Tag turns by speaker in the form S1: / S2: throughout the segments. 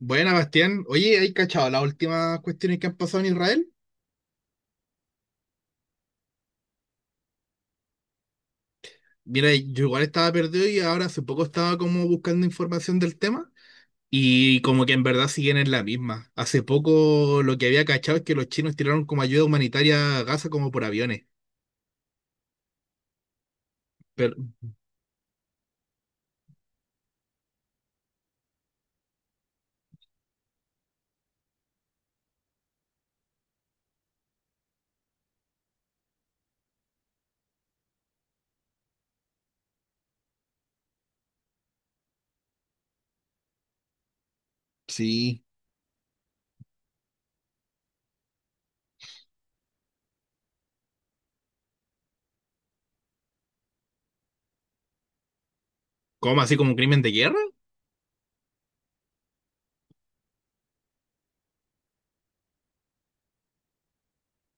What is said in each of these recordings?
S1: Buena, Bastián. Oye, ¿hay cachado las últimas cuestiones que han pasado en Israel? Mira, yo igual estaba perdido y ahora hace poco estaba como buscando información del tema y como que en verdad siguen en la misma. Hace poco lo que había cachado es que los chinos tiraron como ayuda humanitaria a Gaza como por aviones. Pero, sí. ¿Cómo? ¿Así como un crimen de guerra?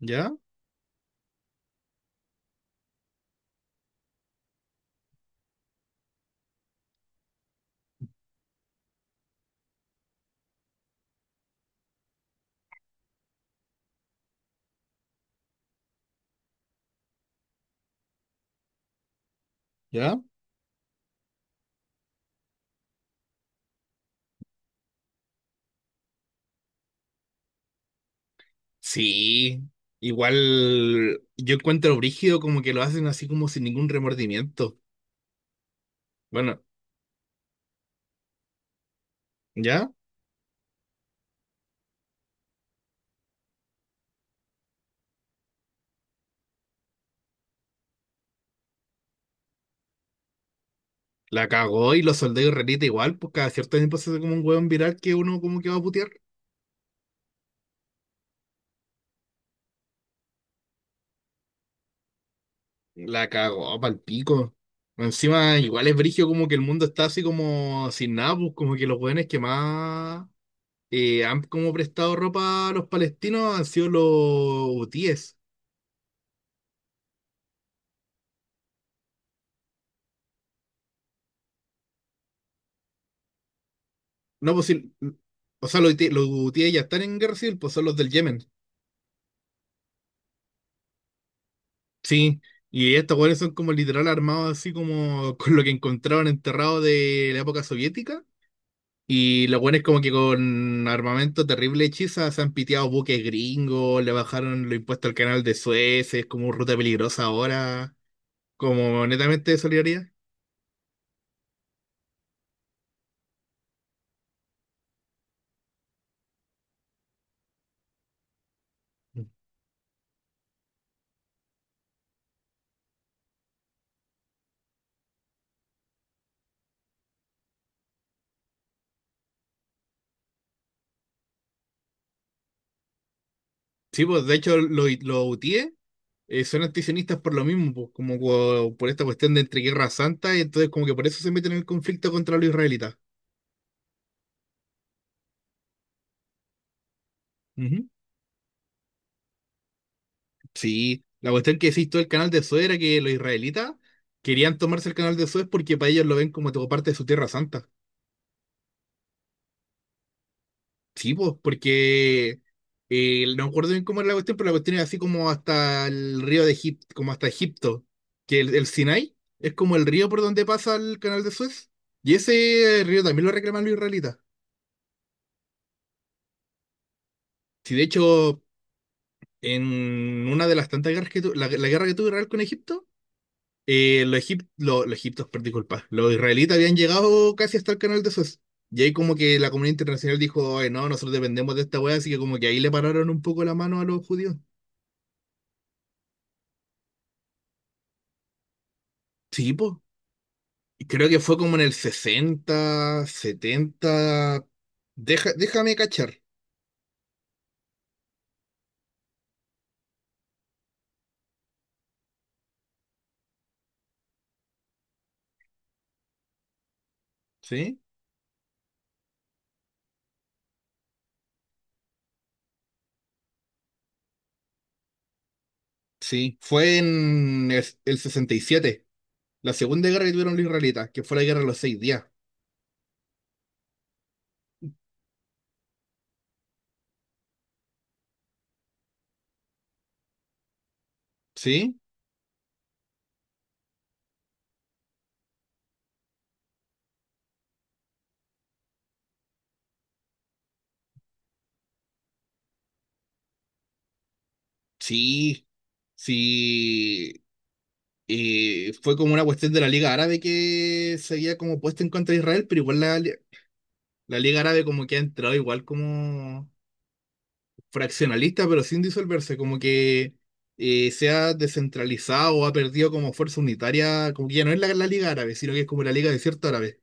S1: ¿Ya? ¿Ya? Sí. Igual yo encuentro brígido como que lo hacen así como sin ningún remordimiento. Bueno, ¿ya? La cagó y los soldados israelitas igual, pues cada cierto tiempo se hace como un hueón viral que uno como que va a putear. La cagó pa'l pico. Encima, igual es brigio como que el mundo está así como sin nada, pues como que los hueones que más han como prestado ropa a los palestinos han sido los hutíes. No, pues sí, o sea, los, los hutíes ya están en guerra civil, pues son los del Yemen. Sí, y estos hueones son como literal armados así como con lo que encontraron enterrado de la época soviética. Y los buenos como que con armamento terrible hechiza se han piteado buques gringos, le bajaron los impuestos al canal de Suez, es como ruta peligrosa ahora, como netamente de solidaridad. Sí, pues de hecho los UTIE son antisionistas por lo mismo, pues, por esta cuestión de entre guerra santa, y entonces como que por eso se meten en el conflicto contra los israelitas. Ujú. Sí, la cuestión que decís todo el canal de Suez era que los israelitas querían tomarse el canal de Suez porque para ellos lo ven como parte de su tierra santa. Sí, pues, porque no me acuerdo bien cómo era la cuestión, pero la cuestión es así como hasta el río de Egipto, como hasta Egipto, que el Sinai es como el río por donde pasa el canal de Suez. Y ese río también lo reclaman los israelitas. Si de hecho, en una de las tantas guerras que tuvo, la guerra que tuvo Israel con Egipto, los, egip- lo- los egipcios, per- disculpa, los israelitas habían llegado casi hasta el canal de Suez. Y ahí como que la comunidad internacional dijo, ay, no, nosotros dependemos de esta wea, así que como que ahí le pararon un poco la mano a los judíos. Sí, pues. Y creo que fue como en el 60 setenta. Déjame cachar, ¿sí? Sí, fue en el 67 la segunda guerra que tuvieron los israelitas, que fue la guerra de los seis días, ¿sí? Sí, sí. Y fue como una cuestión de la Liga Árabe que se había como puesto en contra de Israel, pero igual la Liga Árabe como que ha entrado igual como fraccionalista, pero sin disolverse, como que se ha descentralizado o ha perdido como fuerza unitaria, como que ya no es la Liga Árabe, sino que es como la Liga Desierta Árabe.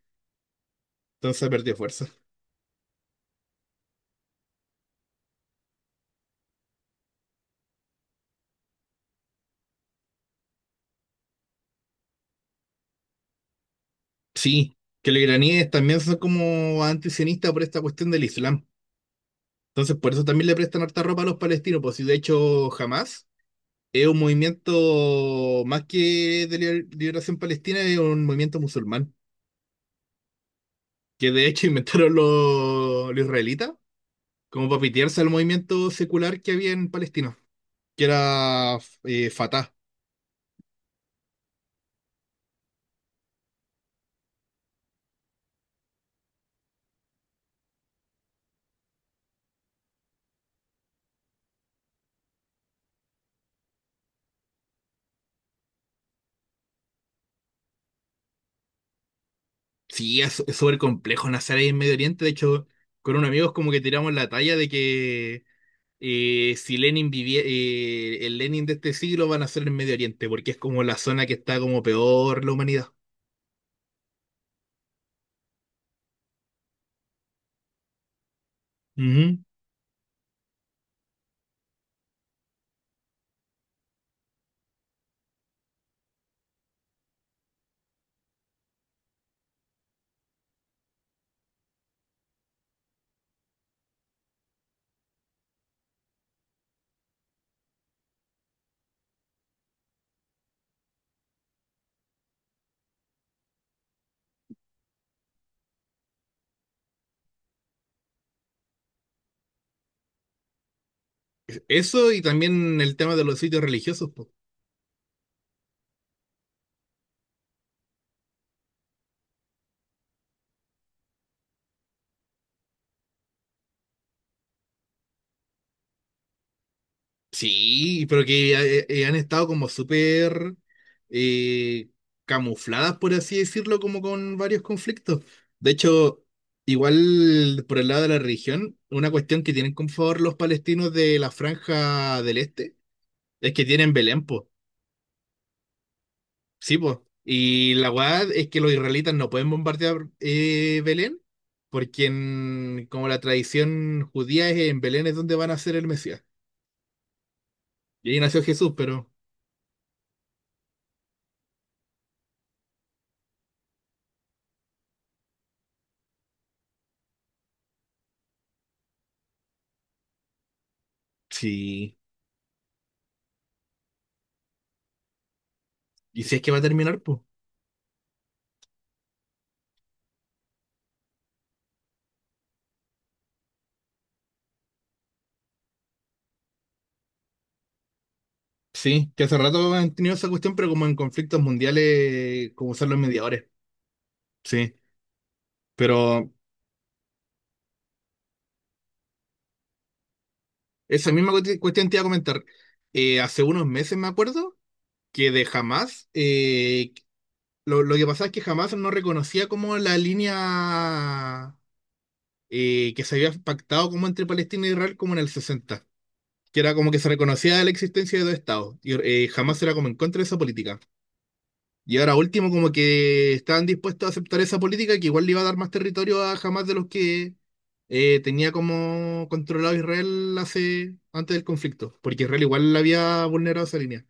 S1: Entonces ha perdido fuerza. Sí, que los iraníes también son como antisionistas por esta cuestión del Islam. Entonces por eso también le prestan harta ropa a los palestinos, pues si de hecho jamás. Es un movimiento más que de liberación palestina, es un movimiento musulmán, que de hecho inventaron los israelitas como para pitearse al movimiento secular que había en Palestina, que era Fatah. Sí, es súper complejo nacer ahí en Medio Oriente. De hecho, con unos amigos como que tiramos la talla de que si Lenin vivía, el Lenin de este siglo va a nacer en Medio Oriente, porque es como la zona que está como peor la humanidad. Ujú. Eso y también el tema de los sitios religiosos. Sí, pero que han estado como súper eh, camufladas, por así decirlo, como con varios conflictos. De hecho, igual por el lado de la religión, una cuestión que tienen con favor los palestinos de la Franja del Este es que tienen Belén, po. Sí, po. Y la verdad es que los israelitas no pueden bombardear Belén, porque como la tradición judía es en Belén es donde van a ser el Mesías. Y ahí nació Jesús, pero sí. Y si es que va a terminar, pues. Sí, que hace rato han tenido esa cuestión, pero como en conflictos mundiales, como son los mediadores. Sí, pero esa misma cuestión te iba a comentar. Hace unos meses me acuerdo que de Hamas, lo que pasaba es que Hamas no reconocía como la línea que se había pactado como entre Palestina e Israel como en el 60, que era como que se reconocía la existencia de dos estados. Y Hamas era como en contra de esa política. Y ahora último, como que estaban dispuestos a aceptar esa política que igual le iba a dar más territorio a Hamas de los que tenía como controlado Israel antes del conflicto, porque Israel igual le había vulnerado esa línea.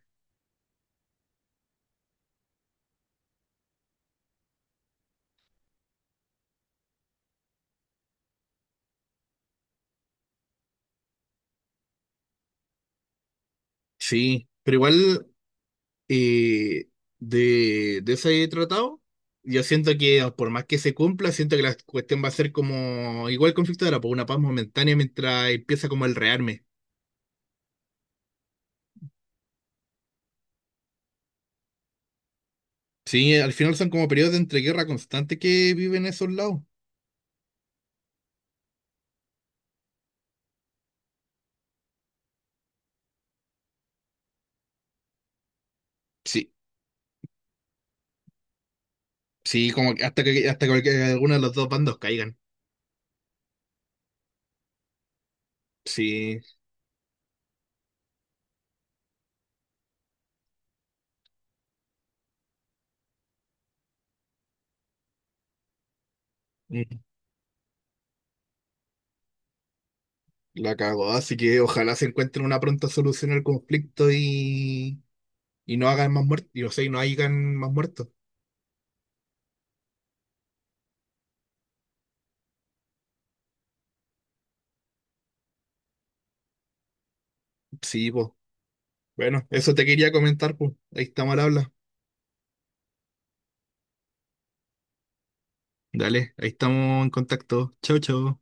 S1: Sí, pero igual eh, de ese tratado, yo siento que por más que se cumpla, siento que la cuestión va a ser como igual el conflicto era, por una paz momentánea mientras empieza como el rearme. Sí, al final son como periodos de entreguerra constante que viven esos lados. Sí. Sí, como que hasta que alguno de los dos bandos caigan. Sí, mm, la cagó. Así que ojalá se encuentren una pronta solución al conflicto y no hagan más muertos. Y o sea, y no hagan más muertos. Sí, pues. Bueno, eso te quería comentar, pues. Ahí estamos al habla. Dale, ahí estamos en contacto. Chau, chau.